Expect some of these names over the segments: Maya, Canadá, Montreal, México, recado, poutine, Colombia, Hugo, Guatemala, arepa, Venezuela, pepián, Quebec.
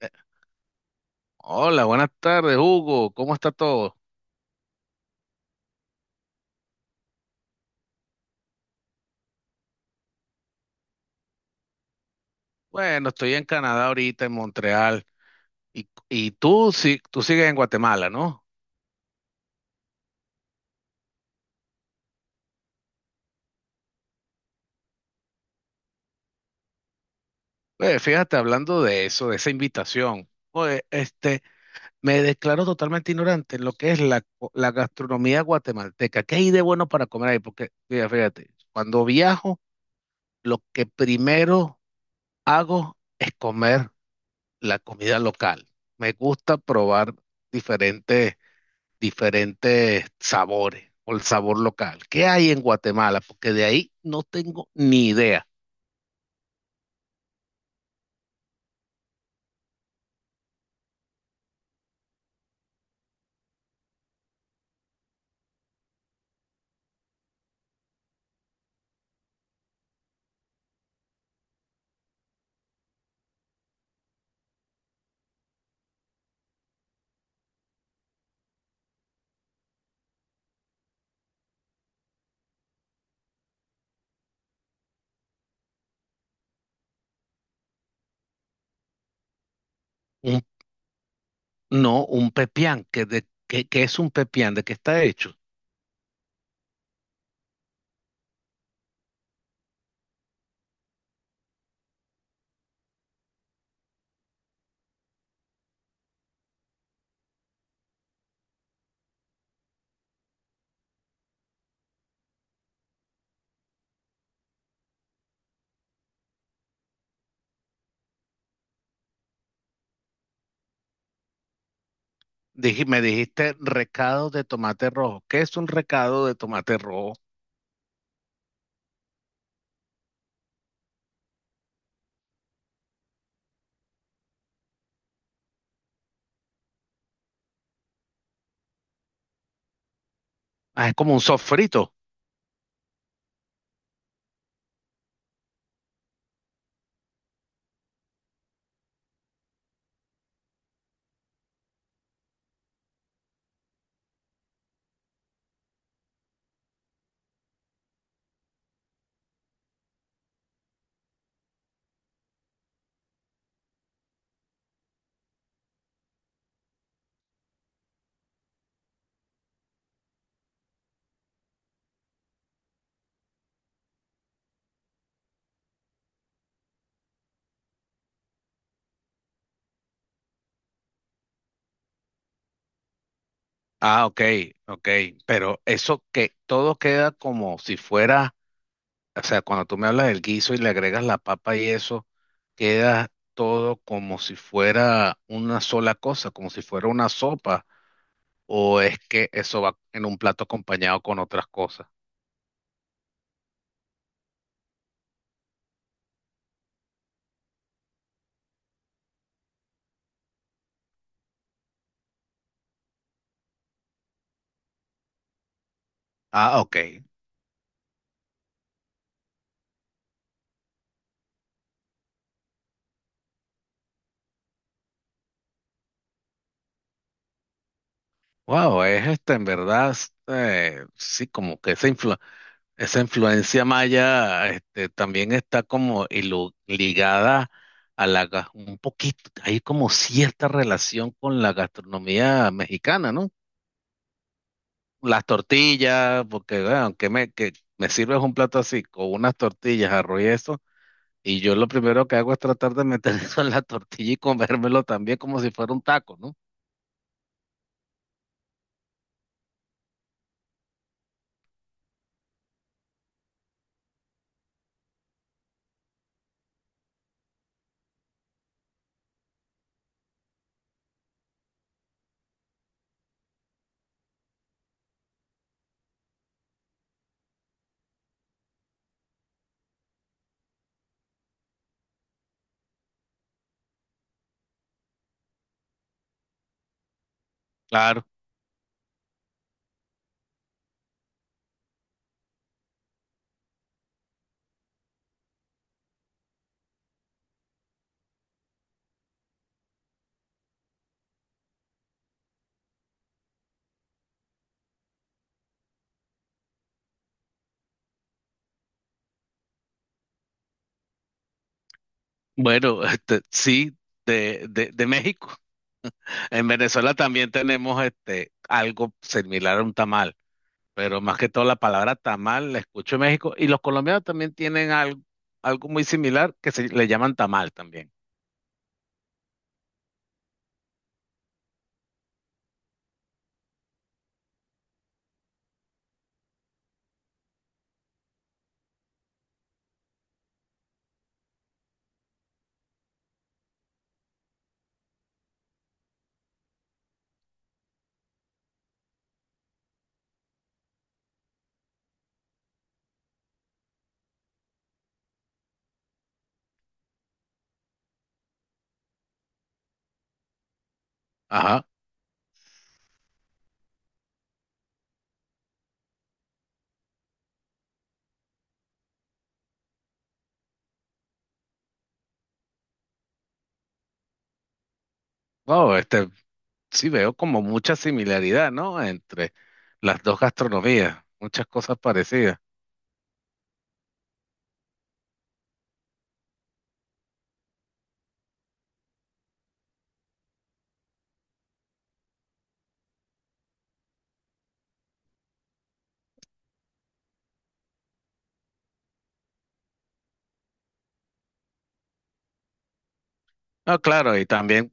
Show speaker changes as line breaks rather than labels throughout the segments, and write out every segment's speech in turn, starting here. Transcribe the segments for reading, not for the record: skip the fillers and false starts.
Eh, Hola, buenas tardes, Hugo. ¿Cómo está todo? Bueno, estoy en Canadá ahorita, en Montreal. Y tú, sí, tú sigues en Guatemala, ¿no? Oye, fíjate, hablando de eso, de esa invitación. Oye, me declaro totalmente ignorante en lo que es la gastronomía guatemalteca. ¿Qué hay de bueno para comer ahí? Porque, mira, fíjate, cuando viajo, lo que primero hago es comer la comida local. Me gusta probar diferentes diferentes sabores o el sabor local. ¿Qué hay en Guatemala? Porque de ahí no tengo ni idea. Un- no, un pepián. ¿ Qué es un pepián? ¿De qué está hecho? Me dijiste recado de tomate rojo. ¿Qué es un recado de tomate rojo? Ah, es como un sofrito. Ah, ok, ok. Pero eso que todo queda como si fuera, o sea, cuando tú me hablas del guiso y le agregas la papa y eso, queda todo como si fuera una sola cosa, como si fuera una sopa, o es que eso va en un plato acompañado con otras cosas. Ah, ok. Wow, es en verdad, sí, como que esa influencia maya, también está como ligada a la, un poquito, hay como cierta relación con la gastronomía mexicana, ¿no? Las tortillas, porque bueno, que me sirves un plato así, con unas tortillas, arroz y eso, y yo lo primero que hago es tratar de meter eso en la tortilla y comérmelo también como si fuera un taco, ¿no? Claro. Bueno, sí, de México. En Venezuela también tenemos algo similar a un tamal, pero más que todo la palabra tamal la escucho en México, y los colombianos también tienen algo, algo muy similar que se le llaman tamal también. Ajá. Oh, este, sí veo como mucha similaridad, ¿no? Entre las dos gastronomías, muchas cosas parecidas. Ah, claro, y también,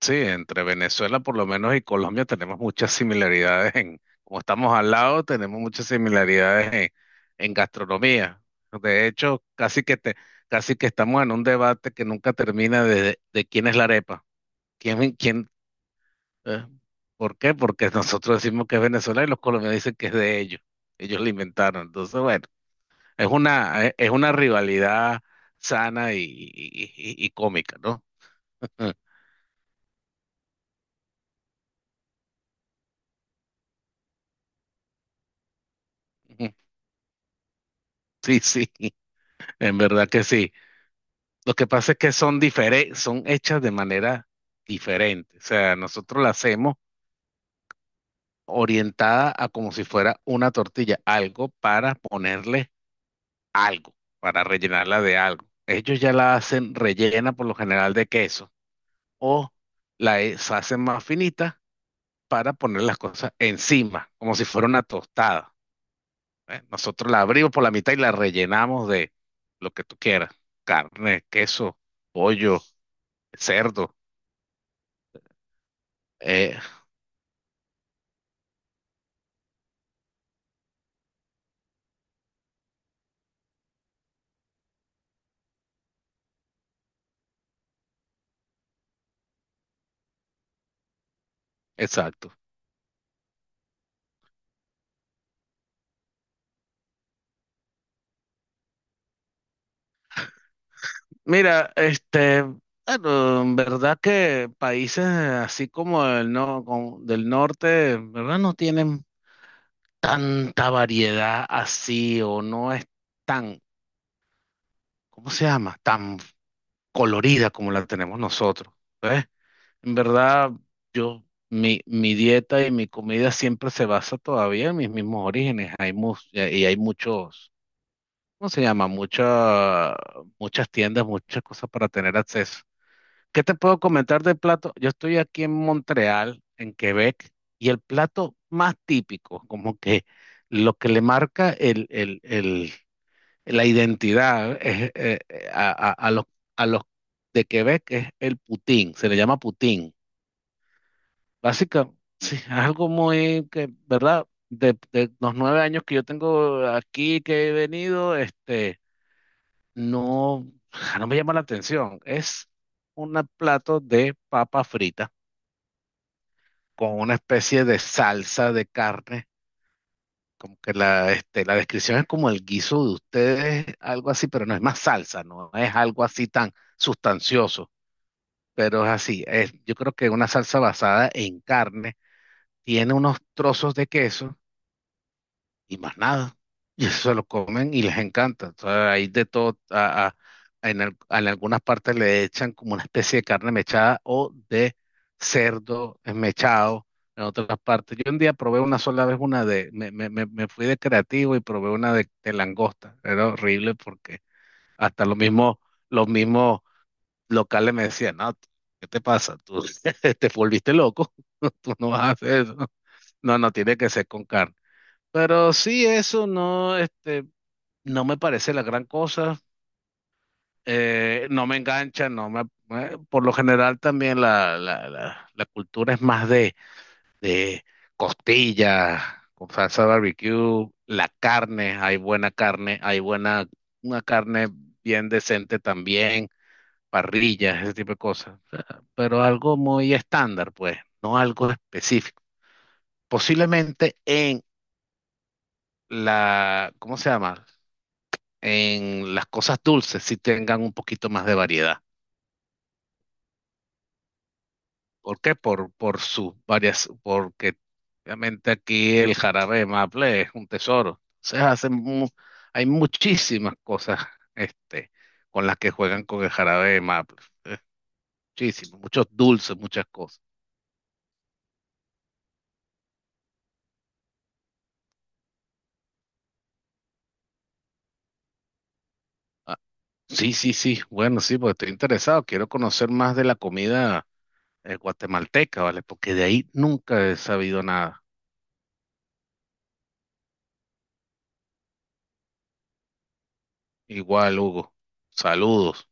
sí, entre Venezuela por lo menos y Colombia tenemos muchas similaridades en, como estamos al lado, tenemos muchas similaridades en gastronomía. De hecho, casi que estamos en un debate que nunca termina de quién es la arepa. ¿Quién, quién, eh, por qué? Porque nosotros decimos que es Venezuela y los colombianos dicen que es de ellos. Ellos la inventaron. Entonces, bueno. Es una rivalidad sana y cómica, ¿no? Sí, sí, en verdad que sí. Lo que pasa es que son diferentes, son hechas de manera diferente. O sea, nosotros la hacemos orientada a como si fuera una tortilla, algo para ponerle algo, para rellenarla de algo. Ellos ya la hacen rellena por lo general de queso o hacen más finita para poner las cosas encima, como si fuera una tostada. ¿Eh? Nosotros la abrimos por la mitad y la rellenamos de lo que tú quieras. Carne, queso, pollo, cerdo. Eh, exacto. Mira, bueno, en verdad que países así como el no, como del norte, en verdad no tienen tanta variedad así o no es tan, ¿cómo se llama? Tan colorida como la tenemos nosotros. ¿Ves? En verdad, yo, mi dieta y mi comida siempre se basa todavía en mis mismos orígenes. Hay y hay muchos, ¿cómo se llama? Muchas tiendas, muchas cosas para tener acceso. ¿Qué te puedo comentar del plato? Yo estoy aquí en Montreal, en Quebec, y el plato más típico, como que lo que le marca la identidad es, a los de Quebec es el poutine, se le llama poutine. Básicamente, sí, algo muy que, ¿verdad? De los 9 años que yo tengo aquí, que he venido, no, ja, no me llama la atención. Es un plato de papa frita con una especie de salsa de carne. Como que la descripción es como el guiso de ustedes, algo así, pero no es más salsa, no es algo así tan sustancioso, pero es así. Yo creo que una salsa basada en carne tiene unos trozos de queso y más nada. Y eso se lo comen y les encanta. Entonces, hay de todo. En, en algunas partes le echan como una especie de carne mechada o de cerdo mechado. En otras partes. Yo un día probé una sola vez una de. Me fui de creativo y probé una de langosta. Era horrible porque hasta los mismos locales me decían, no, ¿qué te pasa? Tú te volviste loco. Tú no vas a hacer eso. No, no, tiene que ser con carne. Pero sí, eso no, no me parece la gran cosa. No me engancha, no me, me- por lo general también la cultura es más de costillas, con salsa barbecue, la carne, hay buena, una carne bien decente también, parrillas, ese tipo de cosas. O sea, pero algo muy estándar, pues, no algo específico. Posiblemente en la, ¿cómo se llama? En las cosas dulces sí tengan un poquito más de variedad. ¿Por qué? Por sus varias, porque obviamente aquí el jarabe de maple es un tesoro. Se hacen, hay muchísimas cosas este, con las que juegan con el jarabe de maple. Eh, Muchísimo, muchos dulces, muchas cosas. Ah, sí, sí, sí. Bueno, sí, porque estoy interesado. Quiero conocer más de la comida guatemalteca, ¿vale? Porque de ahí nunca he sabido nada. Igual, Hugo. Saludos.